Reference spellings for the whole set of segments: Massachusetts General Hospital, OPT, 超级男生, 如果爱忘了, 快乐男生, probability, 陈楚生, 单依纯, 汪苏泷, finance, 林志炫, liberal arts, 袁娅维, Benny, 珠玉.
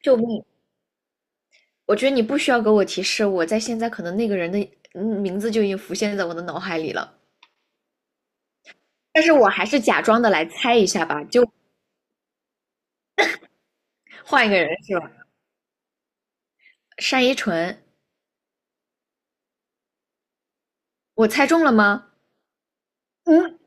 救命！我觉得你不需要给我提示，我在现在可能那个人的名字就已经浮现在我的脑海里了，但是我还是假装的来猜一下吧，就换一个人是吧？单依纯，我猜中了吗？嗯，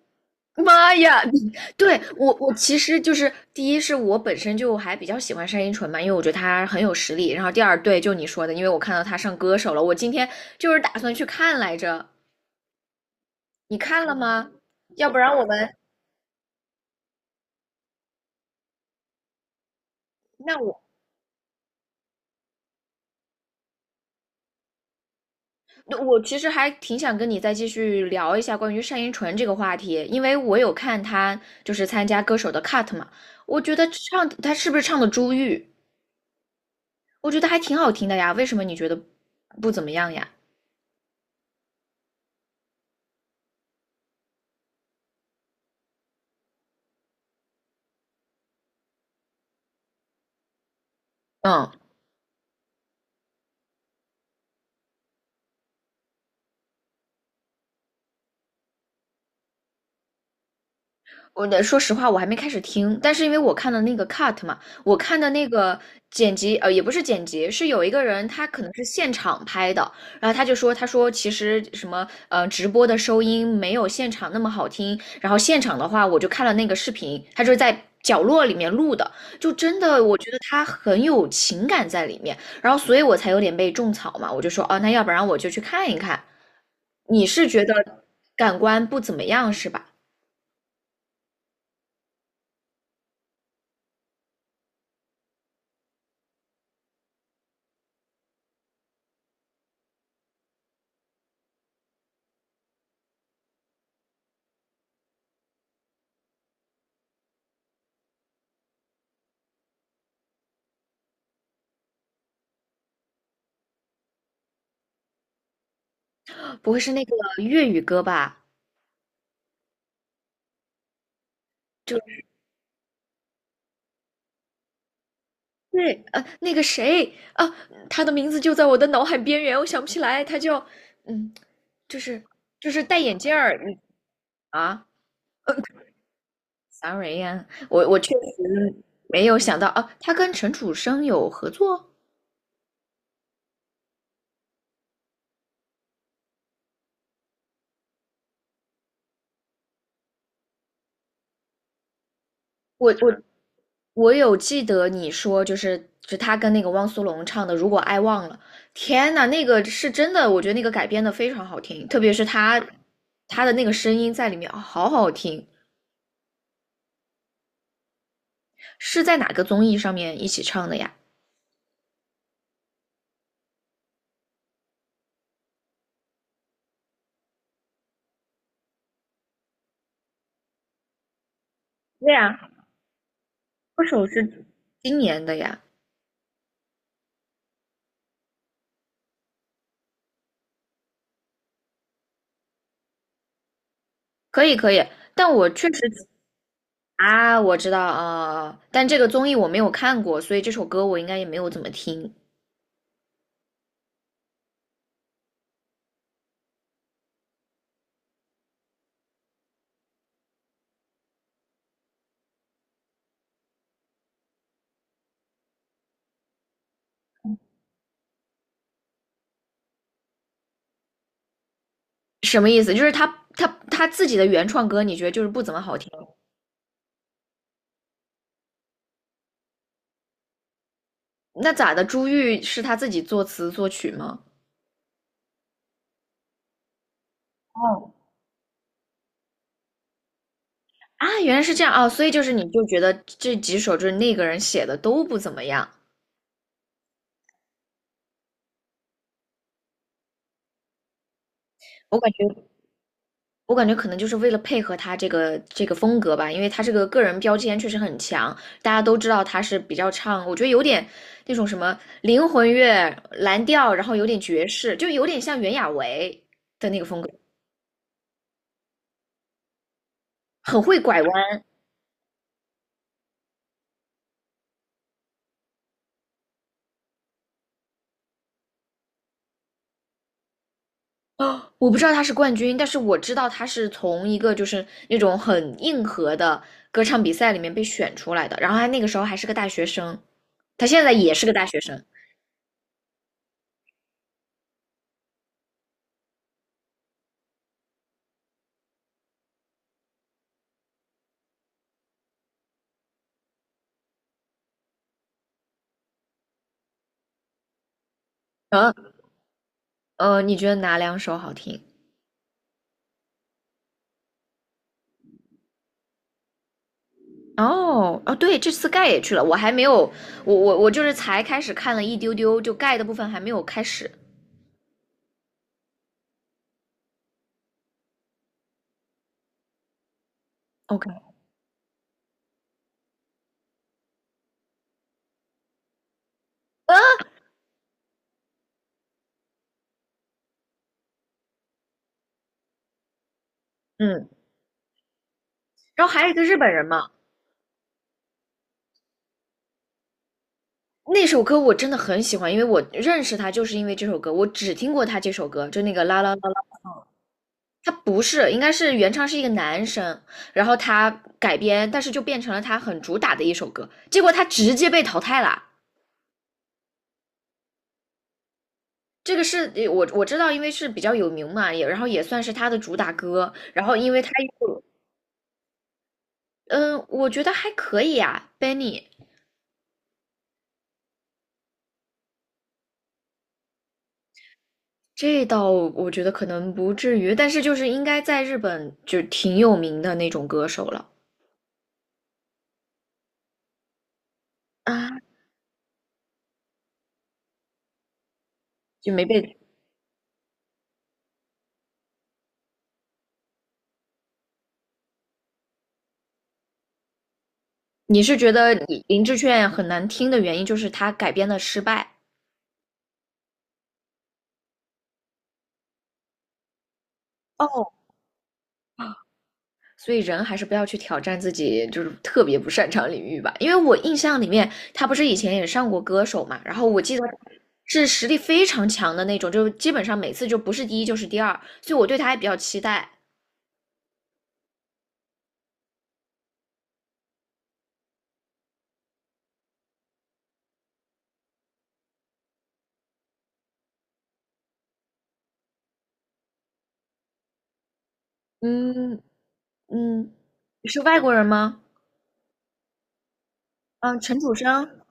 妈呀！对，我其实就是第一是我本身就还比较喜欢单依纯嘛，因为我觉得她很有实力。然后第二，对，就你说的，因为我看到她上歌手了，我今天就是打算去看来着。你看了吗？要不然我们，那我我其实还挺想跟你再继续聊一下关于单依纯这个话题，因为我有看她就是参加歌手的 cut 嘛，我觉得唱她是不是唱的《珠玉》，我觉得还挺好听的呀，为什么你觉得不怎么样呀？嗯，说实话，我还没开始听，但是因为我看的那个 cut 嘛，我看的那个剪辑，也不是剪辑，是有一个人他可能是现场拍的，然后他就说，他说其实什么，直播的收音没有现场那么好听，然后现场的话，我就看了那个视频，他就是在角落里面录的，就真的我觉得他很有情感在里面，然后所以我才有点被种草嘛，我就说，哦，那要不然我就去看一看，你是觉得感官不怎么样是吧？不会是那个粤语歌吧？就是对，那个谁啊，他的名字就在我的脑海边缘，我想不起来，他叫，嗯，就是就是戴眼镜儿，你啊，sorry 呀，我确实没有想到啊，他跟陈楚生有合作，我我我有记得你说就他跟那个汪苏泷唱的《如果爱忘了》，天呐，那个是真的，我觉得那个改编的非常好听，特别是他的那个声音在里面，哦好好听。是在哪个综艺上面一起唱的呀？对呀，歌手是今年的呀。可以可以，但我确实啊，我知道啊，但这个综艺我没有看过，所以这首歌我应该也没有怎么听。什么意思？就是他他自己的原创歌，你觉得就是不怎么好听？那咋的？朱玉是他自己作词作曲吗？哦，啊，原来是这样啊，所以就是你就觉得这几首就是那个人写的都不怎么样。我感觉我感觉可能就是为了配合他这个风格吧，因为他这个个人标签确实很强，大家都知道他是比较唱，我觉得有点那种什么灵魂乐、蓝调，然后有点爵士，就有点像袁娅维的那个风格，很会拐弯。啊，我不知道他是冠军，但是我知道他是从一个就是那种很硬核的歌唱比赛里面被选出来的，然后他那个时候还是个大学生，他现在也是个大学生。嗯，你觉得哪两首好听？哦哦，对，这次盖也去了，我还没有，我就是才开始看了一丢丢，就盖的部分还没有开始。OK,啊嗯，然后还有一个日本人嘛，那首歌我真的很喜欢，因为我认识他就是因为这首歌，我只听过他这首歌，就那个啦啦啦啦，他不是，应该是原唱是一个男生，然后他改编，但是就变成了他很主打的一首歌，结果他直接被淘汰了。这个是我知道，因为是比较有名嘛，也然后也算是他的主打歌，然后因为他又嗯，我觉得还可以啊，Benny,这倒我觉得可能不至于，但是就是应该在日本就挺有名的那种歌手了啊，就没被。你是觉得林志炫很难听的原因就是他改编的失败，哦，所以人还是不要去挑战自己就是特别不擅长领域吧。因为我印象里面他不是以前也上过歌手嘛，然后我记得是实力非常强的那种，就基本上每次就不是第一就是第二，所以我对他也比较期待。嗯，嗯，是外国人吗？嗯，陈楚生，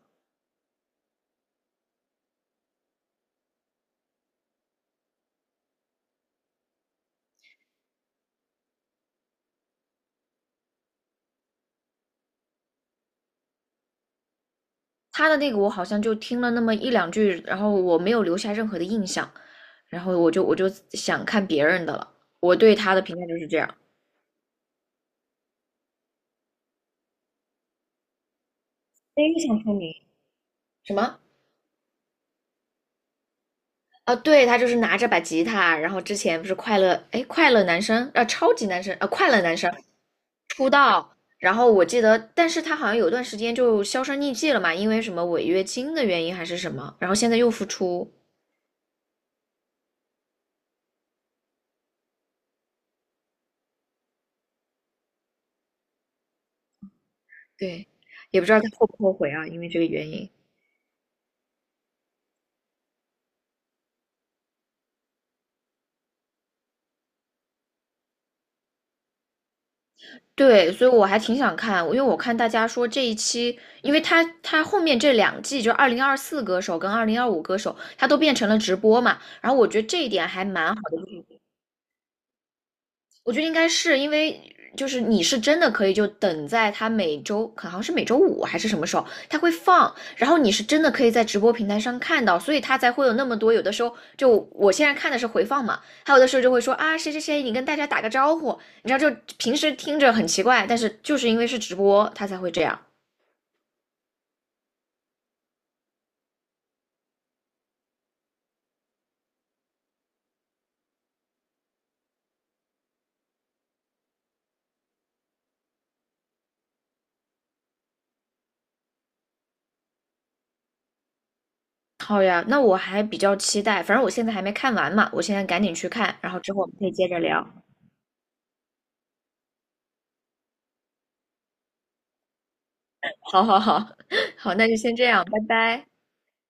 他的那个我好像就听了那么一两句，然后我没有留下任何的印象，然后我就想看别人的了。我对他的评价就是这样。非常出名。什么？啊，对，他就是拿着把吉他，然后之前不是快乐，哎，快乐男生啊，超级男生啊，快乐男生出道，然后我记得，但是他好像有段时间就销声匿迹了嘛，因为什么违约金的原因还是什么，然后现在又复出，对，也不知道他后不后悔啊，因为这个原因。对，所以我还挺想看，因为我看大家说这一期，因为他后面这两季就2024歌手跟2025歌手，他都变成了直播嘛，然后我觉得这一点还蛮好我觉得应该是因为，就是你是真的可以就等在他每周，可好像是每周五还是什么时候，他会放，然后你是真的可以在直播平台上看到，所以他才会有那么多。有的时候就我现在看的是回放嘛，还有的时候就会说啊谁谁谁，你跟大家打个招呼，你知道就平时听着很奇怪，但是就是因为是直播，他才会这样。好呀，那我还比较期待，反正我现在还没看完嘛，我现在赶紧去看，然后之后我们可以接着聊。好好好，好，那就先这样，拜拜。